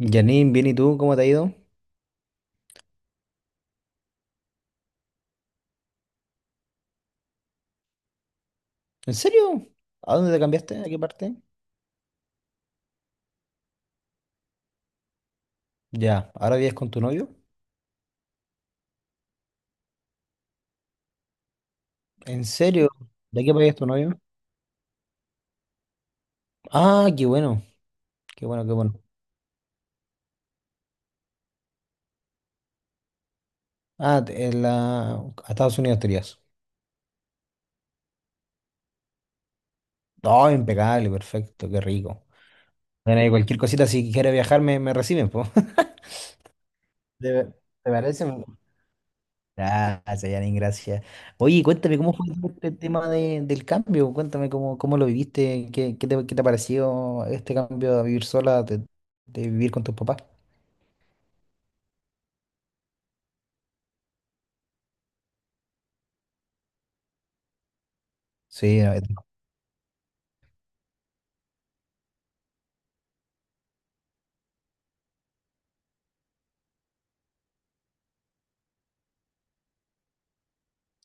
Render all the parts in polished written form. Janine, bien, ¿y tú? ¿Cómo te ha ido? ¿En serio? ¿A dónde te cambiaste? ¿A qué parte? Ya, ¿ahora vives con tu novio? ¿En serio? ¿De qué país es tu novio? Ah, qué bueno, qué bueno, qué bueno. Ah, a Estados Unidos te irías. Oh, impecable, perfecto, qué rico. Bueno, y cualquier cosita, si quieres viajar, me reciben, po. ¿Te, te parece? Gracias, Yanin, gracias. Oye, cuéntame, ¿cómo fue este tema del cambio? Cuéntame cómo lo viviste, qué te ha parecido este cambio de vivir sola, de vivir con tus papás. Sí,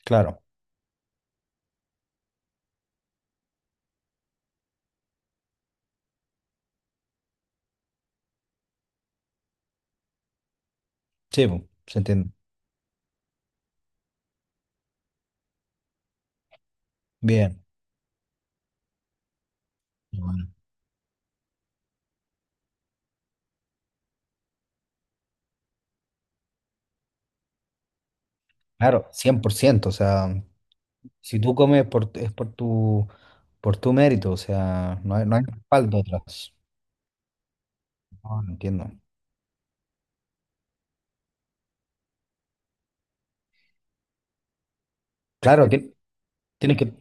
claro, sí, po, se entiende. Bien. Bueno, claro, 100%, o sea, si tú comes por, es por tu mérito, o sea, no hay respaldo atrás. No, no entiendo. Claro, tienes que.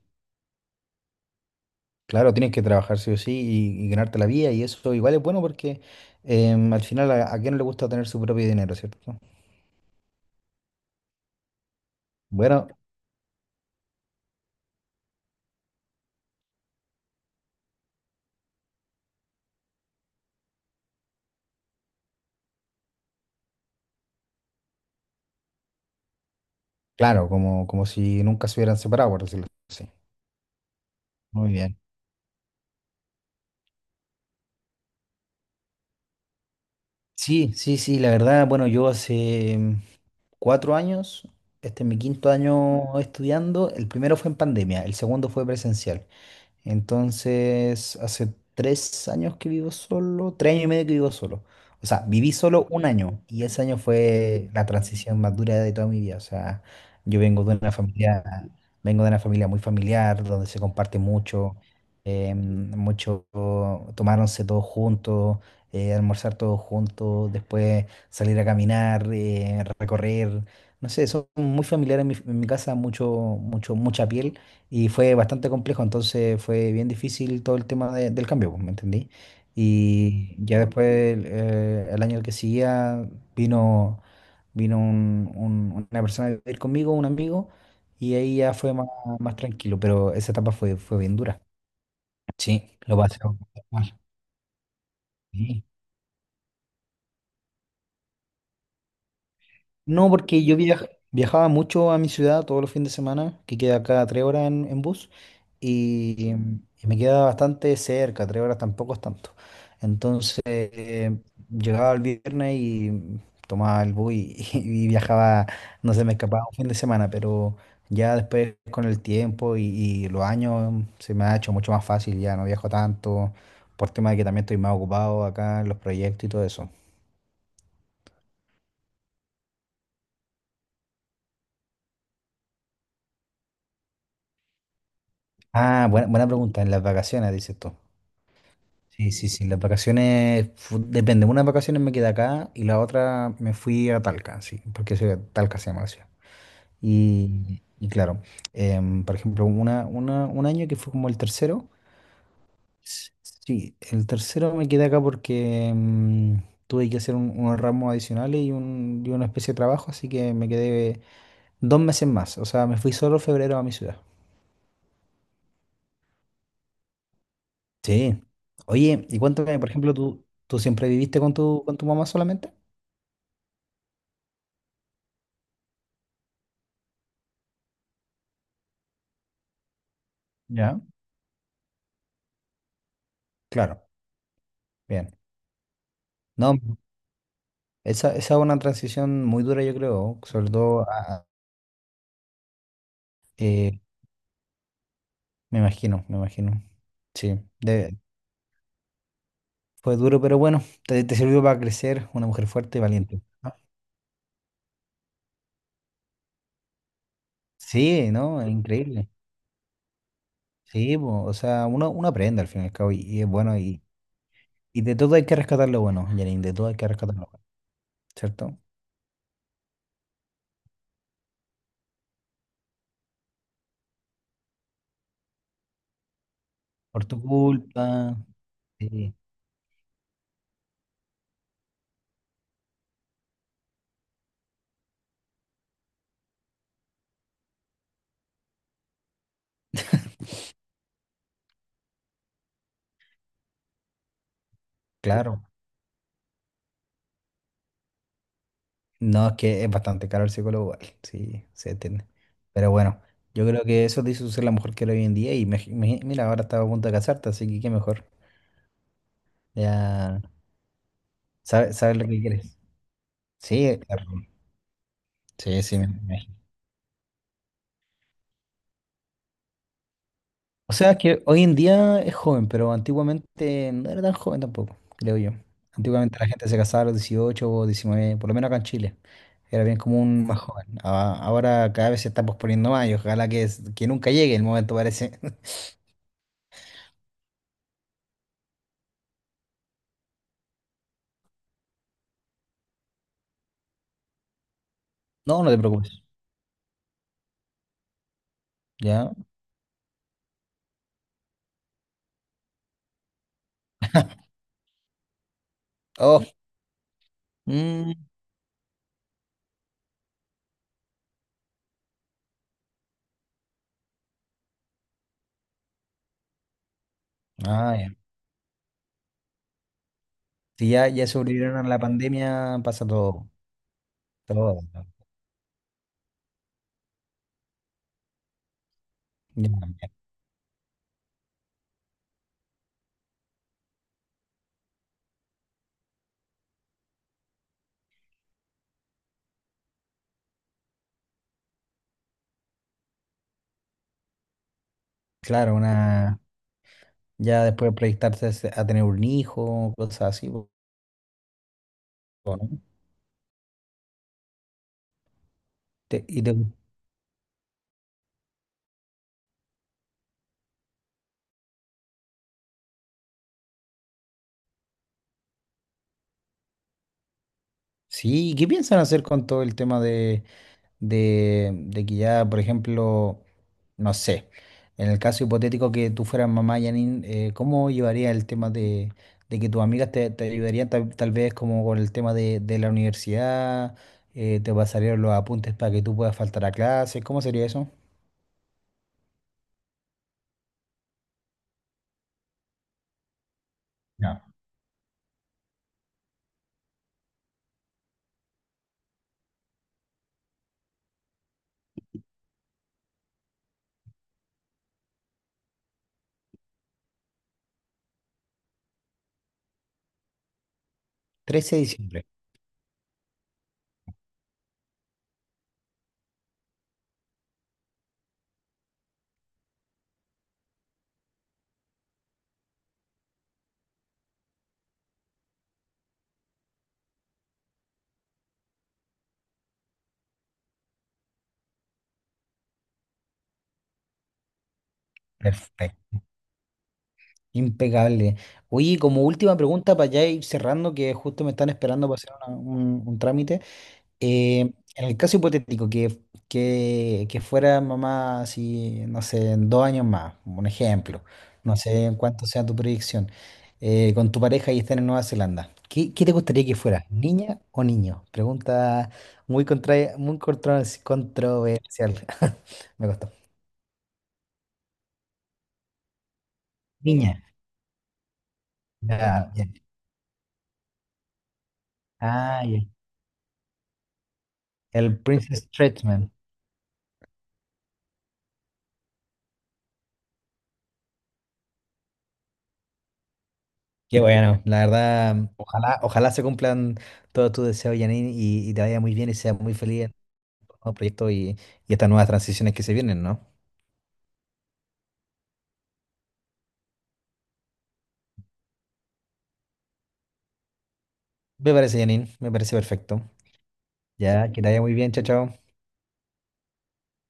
Claro, tienes que trabajar sí o sí y ganarte la vida y eso igual es bueno porque al final a quién no le gusta tener su propio dinero, ¿cierto? Bueno, claro, como si nunca se hubieran separado, por decirlo así. Muy bien. Sí, sí, sí, la verdad, bueno, yo hace 4 años, este es mi quinto año estudiando, el primero fue en pandemia, el segundo fue presencial. Entonces, hace 3 años que vivo solo, 3 años y medio que vivo solo. O sea, viví solo un año y ese año fue la transición más dura de toda mi vida. O sea, yo vengo de una familia, vengo de una familia muy familiar, donde se comparte mucho, mucho, tomáronse todos juntos, almorzar todos juntos, después salir a caminar, recorrer. No sé, son muy familiares en mi casa, mucho, mucho, mucha piel. Y fue bastante complejo, entonces fue bien difícil todo el tema del cambio, pues, ¿me entendí? Y ya después, el año que seguía, vino, vino una persona a vivir conmigo, un amigo, y ahí ya fue más tranquilo, pero esa etapa fue bien dura. Sí, lo pasé bastante mal. Sí. No, porque yo viajaba mucho a mi ciudad todos los fines de semana, que queda cada 3 horas en bus, y me queda bastante cerca, 3 horas tampoco es tanto. Entonces, llegaba el viernes y tomaba el bus y, y viajaba, no sé, me escapaba un fin de semana, pero ya después con el tiempo y los años se me ha hecho mucho más fácil, ya no viajo tanto, por tema de que también estoy más ocupado acá en los proyectos y todo eso. Ah, buena, buena pregunta, en las vacaciones, dices tú. Sí, sí, sí, las vacaciones, depende, unas vacaciones me quedé acá y la otra me fui a Talca, sí, porque soy Talca se llama la ciudad. Y claro, por ejemplo, un año que fue como el tercero, sí, el tercero me quedé acá porque tuve que hacer unos ramos adicionales y una especie de trabajo, así que me quedé 2 meses más, o sea, me fui solo febrero a mi ciudad. Sí. Oye, y cuéntame, por ejemplo, ¿tú siempre viviste con tu mamá solamente? Ya. Claro. Bien. No, esa es una transición muy dura, yo creo, sobre todo, eh, me imagino, me imagino. Sí, fue duro, pero bueno, te sirvió para crecer una mujer fuerte y valiente, ¿no? Sí, ¿no? Es increíble. Sí, po, o sea, uno aprende al fin y al cabo y es bueno y de todo hay que rescatar lo bueno, Janine, de todo hay que rescatar lo bueno, ¿cierto? Por tu culpa, sí, claro. No, es que es bastante caro el psicólogo, igual, sí, se entiende. Pero bueno, yo creo que eso te hizo ser la mujer que eres hoy en día y mira, ahora estaba a punto de casarte, así que qué mejor. Ya sabes. Sabes lo que quieres. Sí, claro. Sí, sí, me imagino. O sea, es que hoy en día es joven, pero antiguamente no era tan joven tampoco, creo yo. Antiguamente la gente se casaba a los 18 o 19 por lo menos acá en Chile. Era bien común más joven. Ahora cada vez se está posponiendo más y ojalá que, que nunca llegue el momento, parece. No, no te preocupes. ¿Ya? Oh, mm, ah, ya. Si ya, ya sobrevivieron a la pandemia, pasa todo. Todo, ¿no? Ya, ya. Claro, ya después proyectarse a tener un hijo, cosas así, po, ¿no? Te- y te- sí, ¿qué piensan hacer con todo el tema de que ya, por ejemplo, no sé, en el caso hipotético que tú fueras mamá, Janine, ¿cómo llevarías el tema de que tus amigas te ayudarían tal vez como con el tema de la universidad? ¿Te pasarían los apuntes para que tú puedas faltar a clases? ¿Cómo sería eso? Ya. 13 de diciembre. Perfecto. Impecable. Oye, como última pregunta para ya ir cerrando, que justo me están esperando para hacer un trámite. En el caso hipotético, que fuera mamá, así, no sé, en 2 años más, un ejemplo, no sé en cuánto sea tu proyección, con tu pareja y estén en Nueva Zelanda, ¿qué te gustaría que fuera, niña o niño? Pregunta muy controversial. Me costó. Niña. Ya, bien. Ah, ya. El Princess Treatment. Qué bueno, la verdad, ojalá, ojalá se cumplan todos tus deseos, Janine, y te vaya muy bien y seas muy feliz. Nuevos proyectos y estas nuevas transiciones que se vienen, ¿no? Me parece, Janine, me parece perfecto. Ya, que te vaya muy bien, chao, chao.